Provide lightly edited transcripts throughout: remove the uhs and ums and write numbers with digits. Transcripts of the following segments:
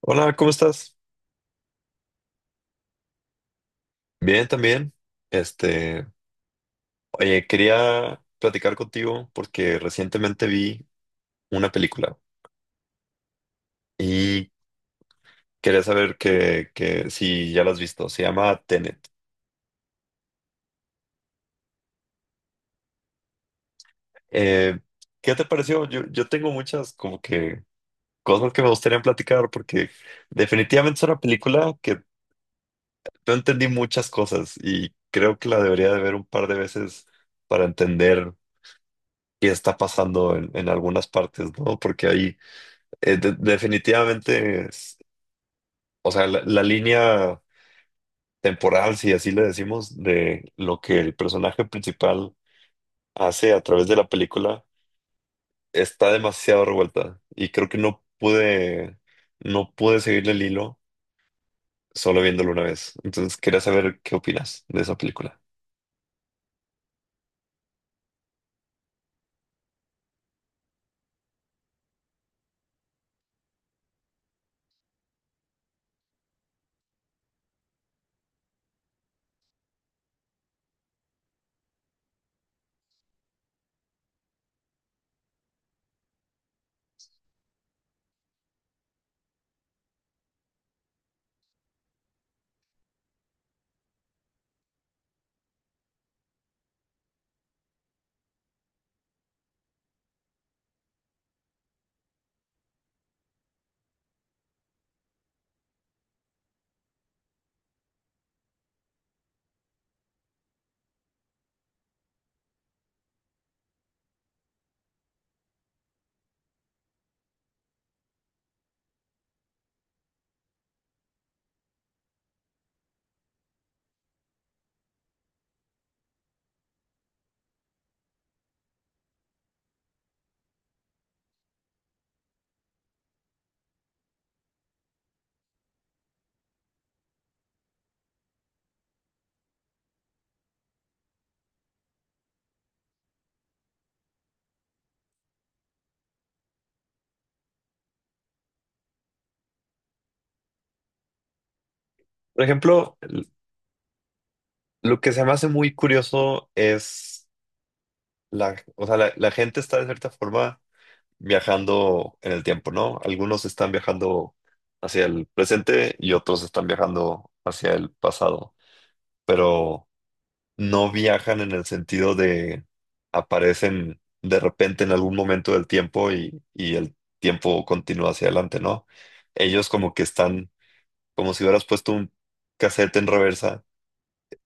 Hola, ¿cómo estás? Bien, también. Este, oye, quería platicar contigo porque recientemente vi una película y quería saber que si ya la has visto. Se llama Tenet. Eh, ¿Qué te pareció? Yo tengo muchas como que cosas que me gustaría platicar porque definitivamente es una película que no entendí muchas cosas y creo que la debería de ver un par de veces para entender qué está pasando en algunas partes, ¿no? Porque ahí de- definitivamente, es- o sea, la línea temporal, si así le decimos, de lo que el personaje principal hace a través de la película está demasiado revuelta y creo que no pude seguirle el hilo solo viéndolo una vez. Entonces quería saber qué opinas de esa película. Por ejemplo, l- lo que se me hace muy curioso es la, o sea, la la gente está de cierta forma viajando en el tiempo, ¿no? Algunos están viajando hacia el presente y otros están viajando hacia el pasado, pero no viajan en el sentido de aparecen de repente en algún momento del tiempo y el tiempo continúa hacia adelante, ¿no? Ellos como que están, como si hubieras puesto un cassette en reversa,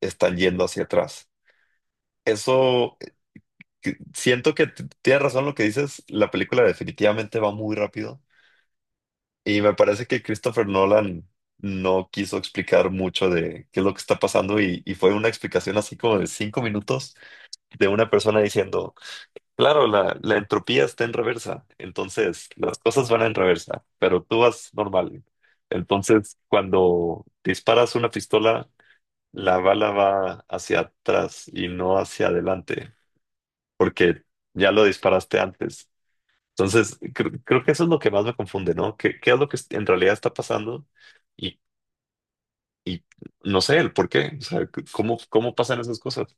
están yendo hacia atrás. Eso, eh, siento que tienes razón lo que dices, la película definitivamente va muy rápido. Y me parece que Christopher Nolan no quiso explicar mucho de qué es lo que está pasando y fue una explicación así como de 5 minutos de una persona diciendo, claro, la entropía está en reversa, entonces las cosas van en reversa, pero tú vas normal. Entonces, cuando disparas una pistola, la bala va hacia atrás y no hacia adelante, porque ya lo disparaste antes. Entonces, creo que eso es lo que más me confunde, ¿no? ¿Qué es lo que en realidad está pasando? Y, y no sé el por qué, o sea, ¿cómo pasan esas cosas?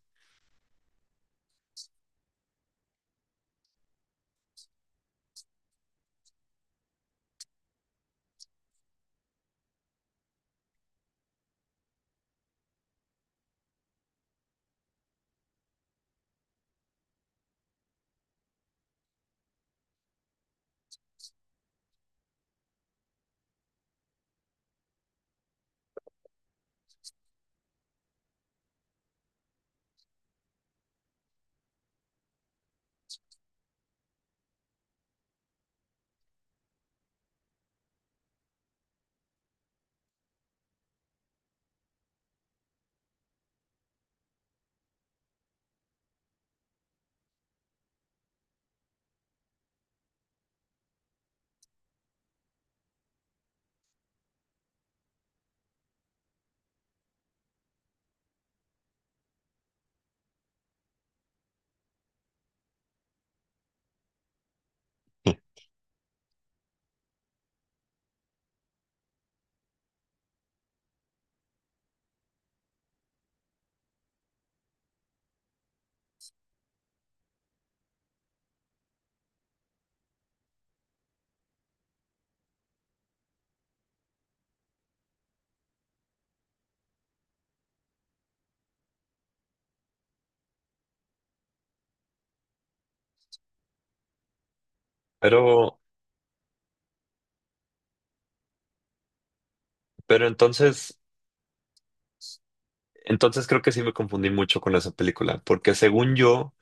Pero, pero entonces, entonces creo que sí me confundí mucho con esa película, porque según yo,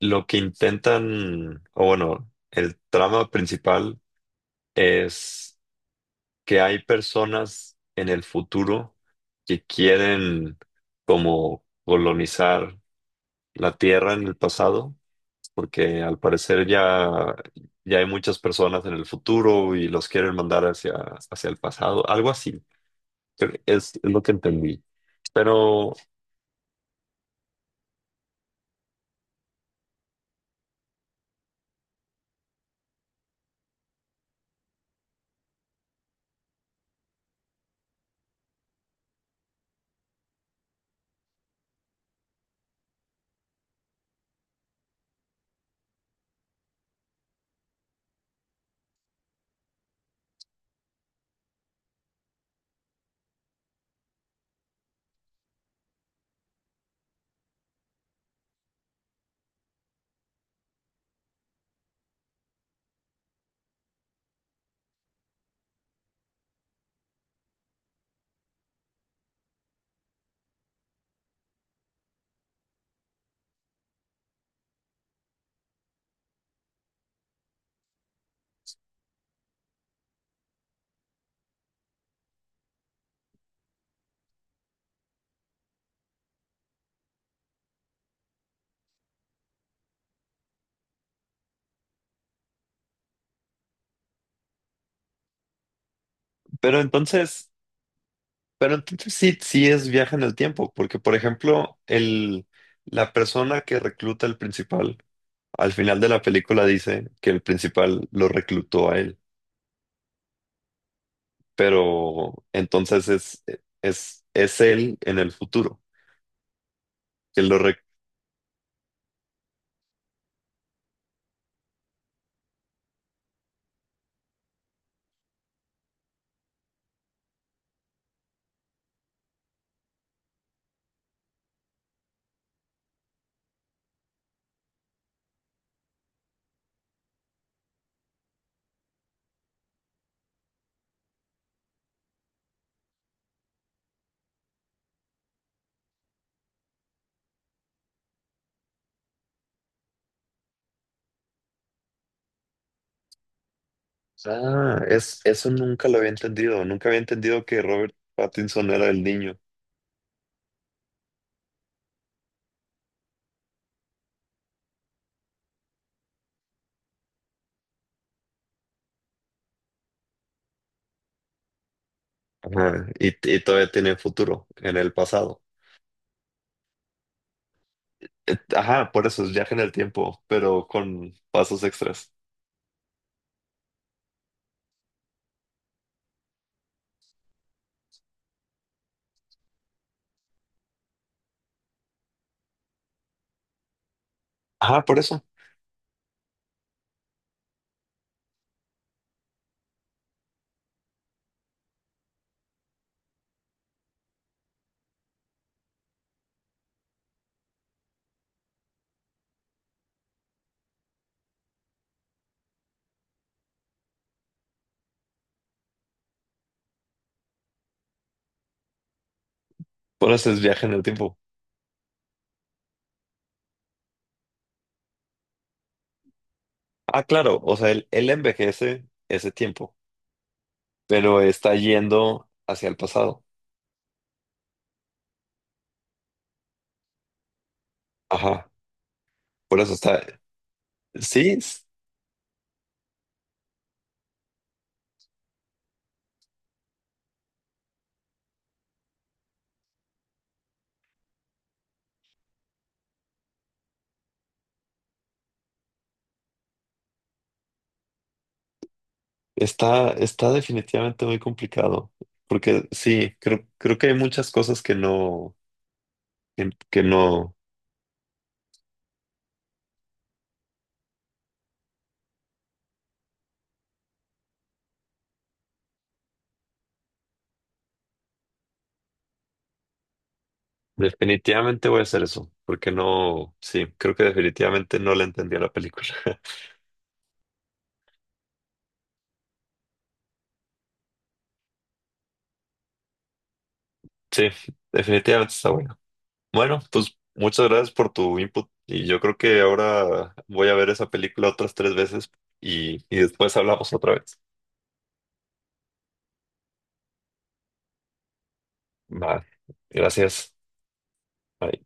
lo que intentan, o bueno, el trama principal es que hay personas en el futuro que quieren como colonizar la Tierra en el pasado, porque al parecer ya hay muchas personas en el futuro y los quieren mandar hacia el pasado, algo así. Creo que es lo que entendí. Pero, pero entonces, pero entonces sí, sí es viaje en el tiempo, porque por ejemplo, la persona que recluta al principal, al final de la película dice que el principal lo reclutó a él, pero entonces es él en el futuro, que lo, rec- Ah, eso nunca lo había entendido. Nunca había entendido que Robert Pattinson era el niño. Ajá, y todavía tiene futuro en el pasado. Ajá, por eso es viaje en el tiempo, pero con pasos extras. Ajá, por eso. Por eso es viaje en el tiempo. Ah, claro, o sea, él envejece ese tiempo, pero está yendo hacia el pasado. Ajá, por eso está. Sí, está, está definitivamente muy complicado. Porque sí, creo que hay muchas cosas que no. que que no, Definitivamente voy a hacer eso, porque no, sí, creo que definitivamente no le entendí a la película. Sí, definitivamente está bueno. Bueno, pues muchas gracias por tu input y yo creo que ahora voy a ver esa película otras tres veces y después hablamos otra vez. Vale, gracias. Bye.